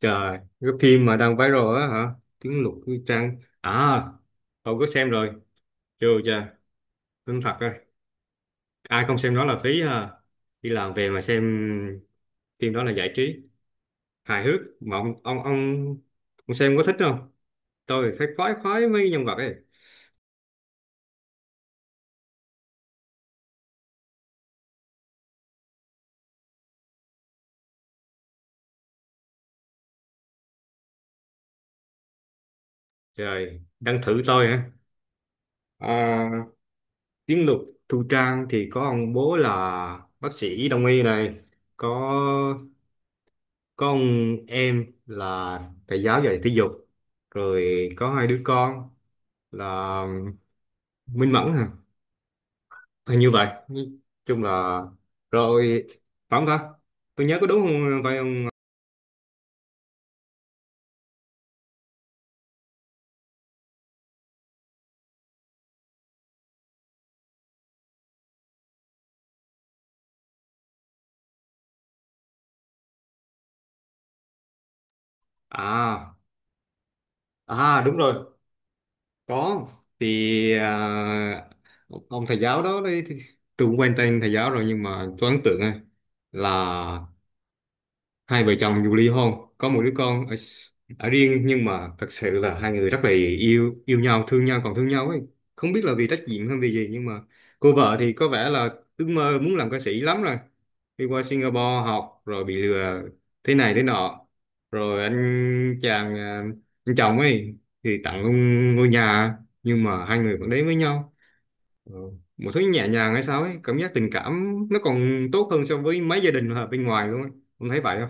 Trời, cái phim mà đang viral á hả? Tiếng lục như trăng. Cậu có xem rồi. Chưa chưa? Tin thật rồi. Ai không xem đó là phí ha. Đi làm về mà xem phim đó là giải trí. Hài hước. Mà ông xem có thích không? Tôi thấy khoái khoái mấy nhân vật ấy. Trời, đang thử tôi hả? À, tiếng lục Thu Trang thì có ông bố là bác sĩ đông y này. Có con em là thầy giáo dạy thể dục, rồi có hai đứa con là Minh Mẫn hả? Hình như vậy. Nói chung là rồi, phải không ta? Tôi nhớ có đúng không, phải không? À à, đúng rồi. Có thì ông thầy giáo đó đấy thì tôi cũng quen tên thầy giáo rồi, nhưng mà tôi ấn tượng thôi là hai vợ chồng dù ly hôn có một đứa con ở riêng, nhưng mà thật sự là hai người rất là yêu yêu nhau, thương nhau, còn thương nhau ấy. Không biết là vì trách nhiệm hay vì gì, nhưng mà cô vợ thì có vẻ là ước mơ muốn làm ca sĩ lắm rồi, đi qua Singapore học rồi bị lừa thế này thế nọ, rồi anh chàng anh chồng ấy thì tặng luôn ngôi nhà, nhưng mà hai người vẫn đến với nhau. Ờ, một thứ nhẹ nhàng hay sao ấy, cảm giác tình cảm nó còn tốt hơn so với mấy gia đình ở bên ngoài luôn ấy. Không thấy vậy không?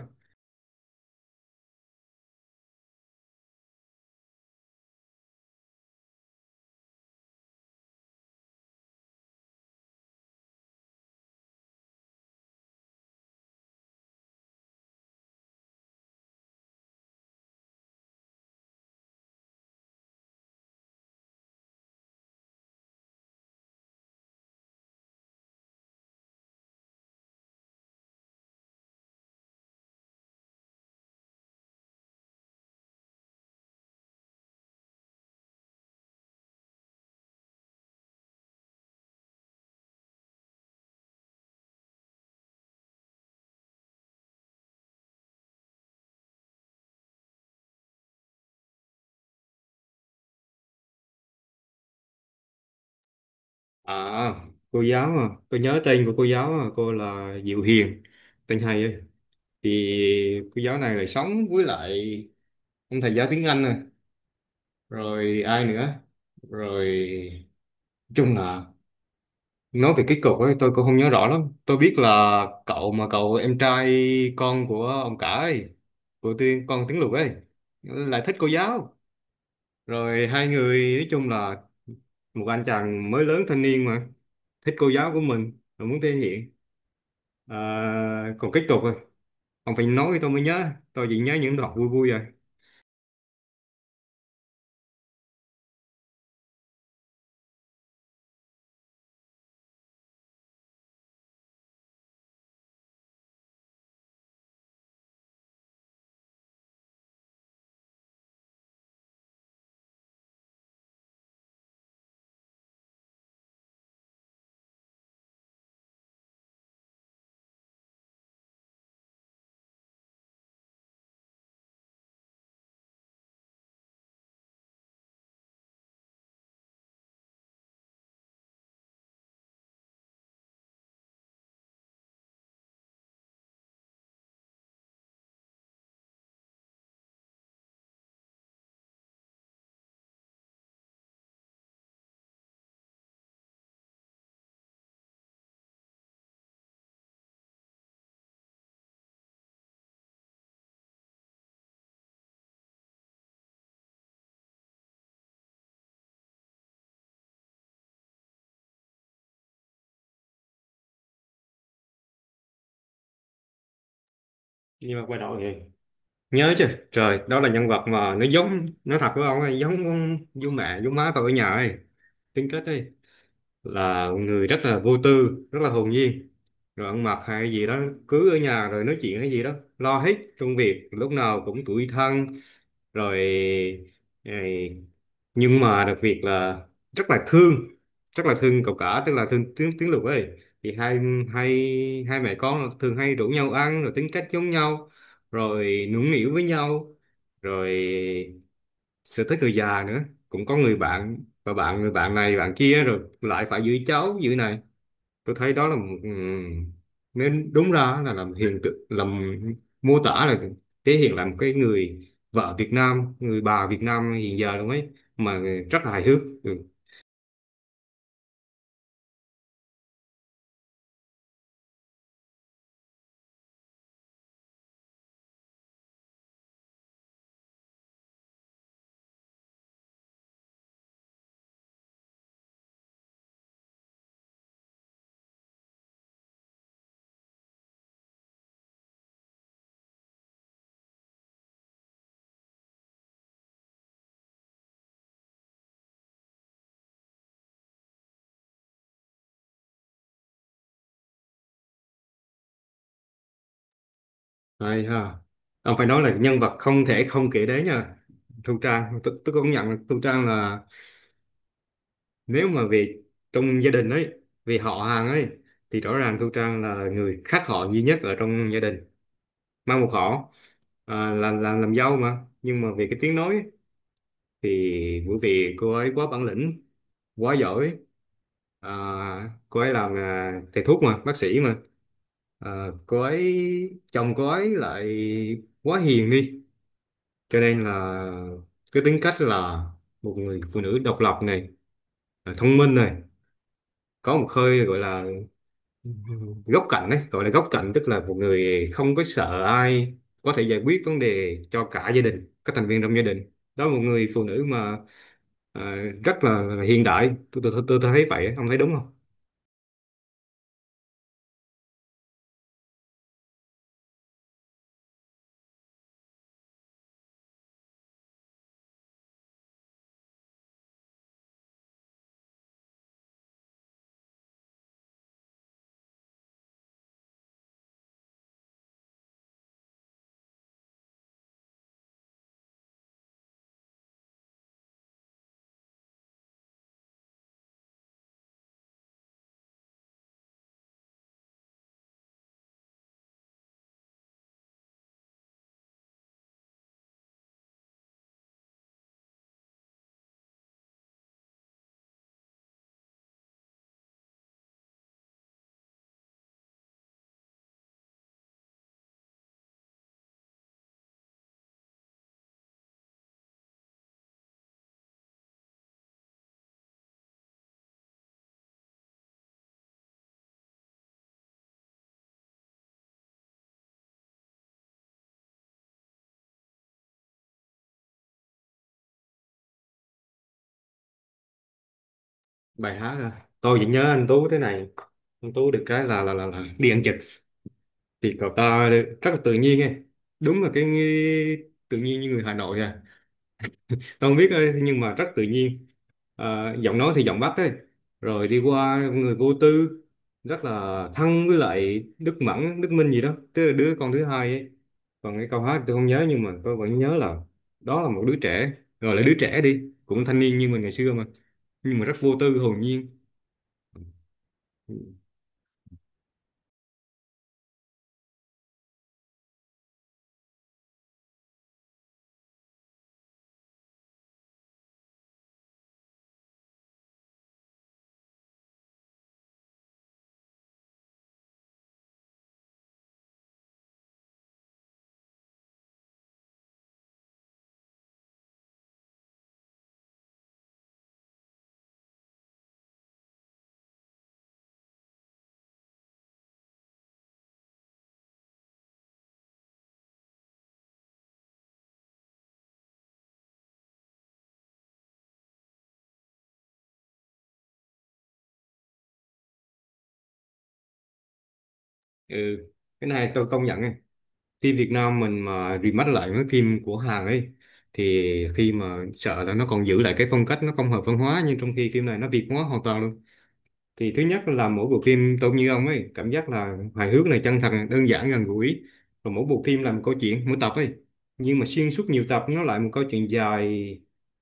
À, cô giáo tôi nhớ tên của cô giáo, cô là Diệu Hiền, tên hay ấy. Thì cô giáo này lại sống với lại ông thầy giáo tiếng Anh này, rồi ai nữa, rồi nói chung là, nói về cái cục ấy tôi cũng không nhớ rõ lắm. Tôi biết là cậu em trai con của ông cả ấy, của tiên con tiếng Lục ấy, lại thích cô giáo. Rồi hai người nói chung là một anh chàng mới lớn thanh niên mà thích cô giáo của mình, rồi muốn thể hiện. À, còn kết cục rồi, ông phải nói tôi mới nhớ, tôi chỉ nhớ những đoạn vui vui rồi. Nhưng mà quay đầu vậy, nhớ chứ trời, đó là nhân vật mà nó giống, nó thật với ông ấy, giống con giống mẹ giống má tôi ở nhà ấy, tính kết ấy, là người rất là vô tư, rất là hồn nhiên, rồi ăn mặc hay gì đó cứ ở nhà rồi nói chuyện hay gì đó, lo hết công việc lúc nào cũng tủi thân rồi. ờ, nhưng mà đặc biệt là rất là thương, rất là thương cậu cả, tức là thương tiếng tiếng Lục ấy. Thì hai hai hai mẹ con thường hay rủ nhau ăn, rồi tính cách giống nhau, rồi nũng nịu với nhau, rồi sẽ tới người già nữa, cũng có người bạn, và người bạn này bạn kia rồi lại phải giữ cháu giữ này. Tôi thấy đó là một nên đúng ra là làm hiện tượng, làm mô tả là, thể hiện là một cái người vợ Việt Nam, người bà Việt Nam hiện giờ luôn ấy mà, rất là hài hước. Ừ. Hay ha, ông phải nói là nhân vật không thể không kể đến nha. Thu Trang tôi công nhận là Thu Trang là, nếu mà về trong gia đình ấy, về họ hàng ấy, thì rõ ràng Thu Trang là người khác họ duy nhất ở trong gia đình, mang một họ, làm dâu mà, nhưng mà về cái tiếng nói ấy, thì bởi vì cô ấy quá bản lĩnh, quá giỏi. à, cô ấy làm thầy thuốc mà, bác sĩ mà. Cô ấy chồng cô ấy lại quá hiền đi, cho nên là cái tính cách là một người phụ nữ độc lập này, thông minh này, có một hơi gọi là góc cạnh đấy, gọi là góc cạnh, tức là một người không có sợ ai, có thể giải quyết vấn đề cho cả gia đình, các thành viên trong gia đình. Đó là một người phụ nữ mà ờ, rất là hiện đại, tôi thấy vậy á. Ông thấy đúng không? Bài hát à. Tôi vẫn nhớ anh Tú thế này, anh Tú được cái là đi ăn trực thì cậu ta rất là tự nhiên ấy. Đúng là cái tự nhiên như người Hà Nội à. Không biết ơi, nhưng mà rất tự nhiên. À, giọng nói thì giọng Bắc ấy. Rồi đi qua người vô tư, rất là thân với lại Đức Mẫn, Đức Minh gì đó. Tức là đứa con thứ hai ấy. Còn cái câu hát tôi không nhớ nhưng mà tôi vẫn nhớ là đó là một đứa trẻ. Gọi là đứa trẻ đi, cũng thanh niên như mình ngày xưa mà. Nhưng mà rất vô tư, hồn nhiên. Ừ, cái này tôi công nhận, phim Việt Nam mình mà remake lại mấy phim của Hàn ấy, thì khi mà sợ là nó còn giữ lại cái phong cách nó không hợp văn hóa, nhưng trong khi phim này nó Việt hóa hoàn toàn luôn. Thì thứ nhất là mỗi bộ phim tôi như ông ấy, cảm giác là hài hước này, chân thật này, đơn giản gần gũi. Và mỗi bộ phim là một câu chuyện mỗi tập ấy, nhưng mà xuyên suốt nhiều tập nó lại một câu chuyện dài,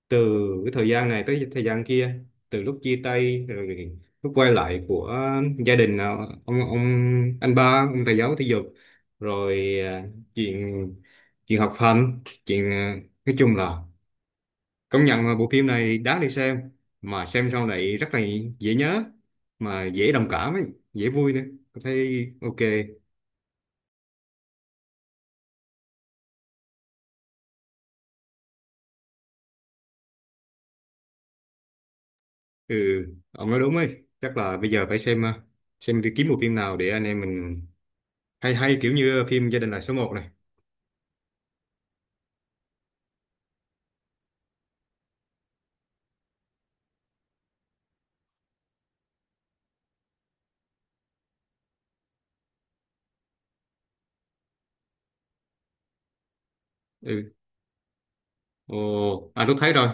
từ cái thời gian này tới thời gian kia, từ lúc chia tay rồi lúc quay lại của gia đình, à, ông anh ba ông thầy giáo thể dục, rồi à, chuyện chuyện học hành, chuyện nói chung là, công nhận là bộ phim này đáng để xem. Mà xem sau này rất là dễ nhớ, mà dễ đồng cảm ấy, dễ vui nữa. Tôi thấy ok. Ừ, ông nói đúng ấy. Chắc là bây giờ phải xem, xem đi kiếm bộ phim nào để anh em mình, hay hay kiểu như phim Gia đình là số một này. Ừ. Ồ, à tôi thấy rồi.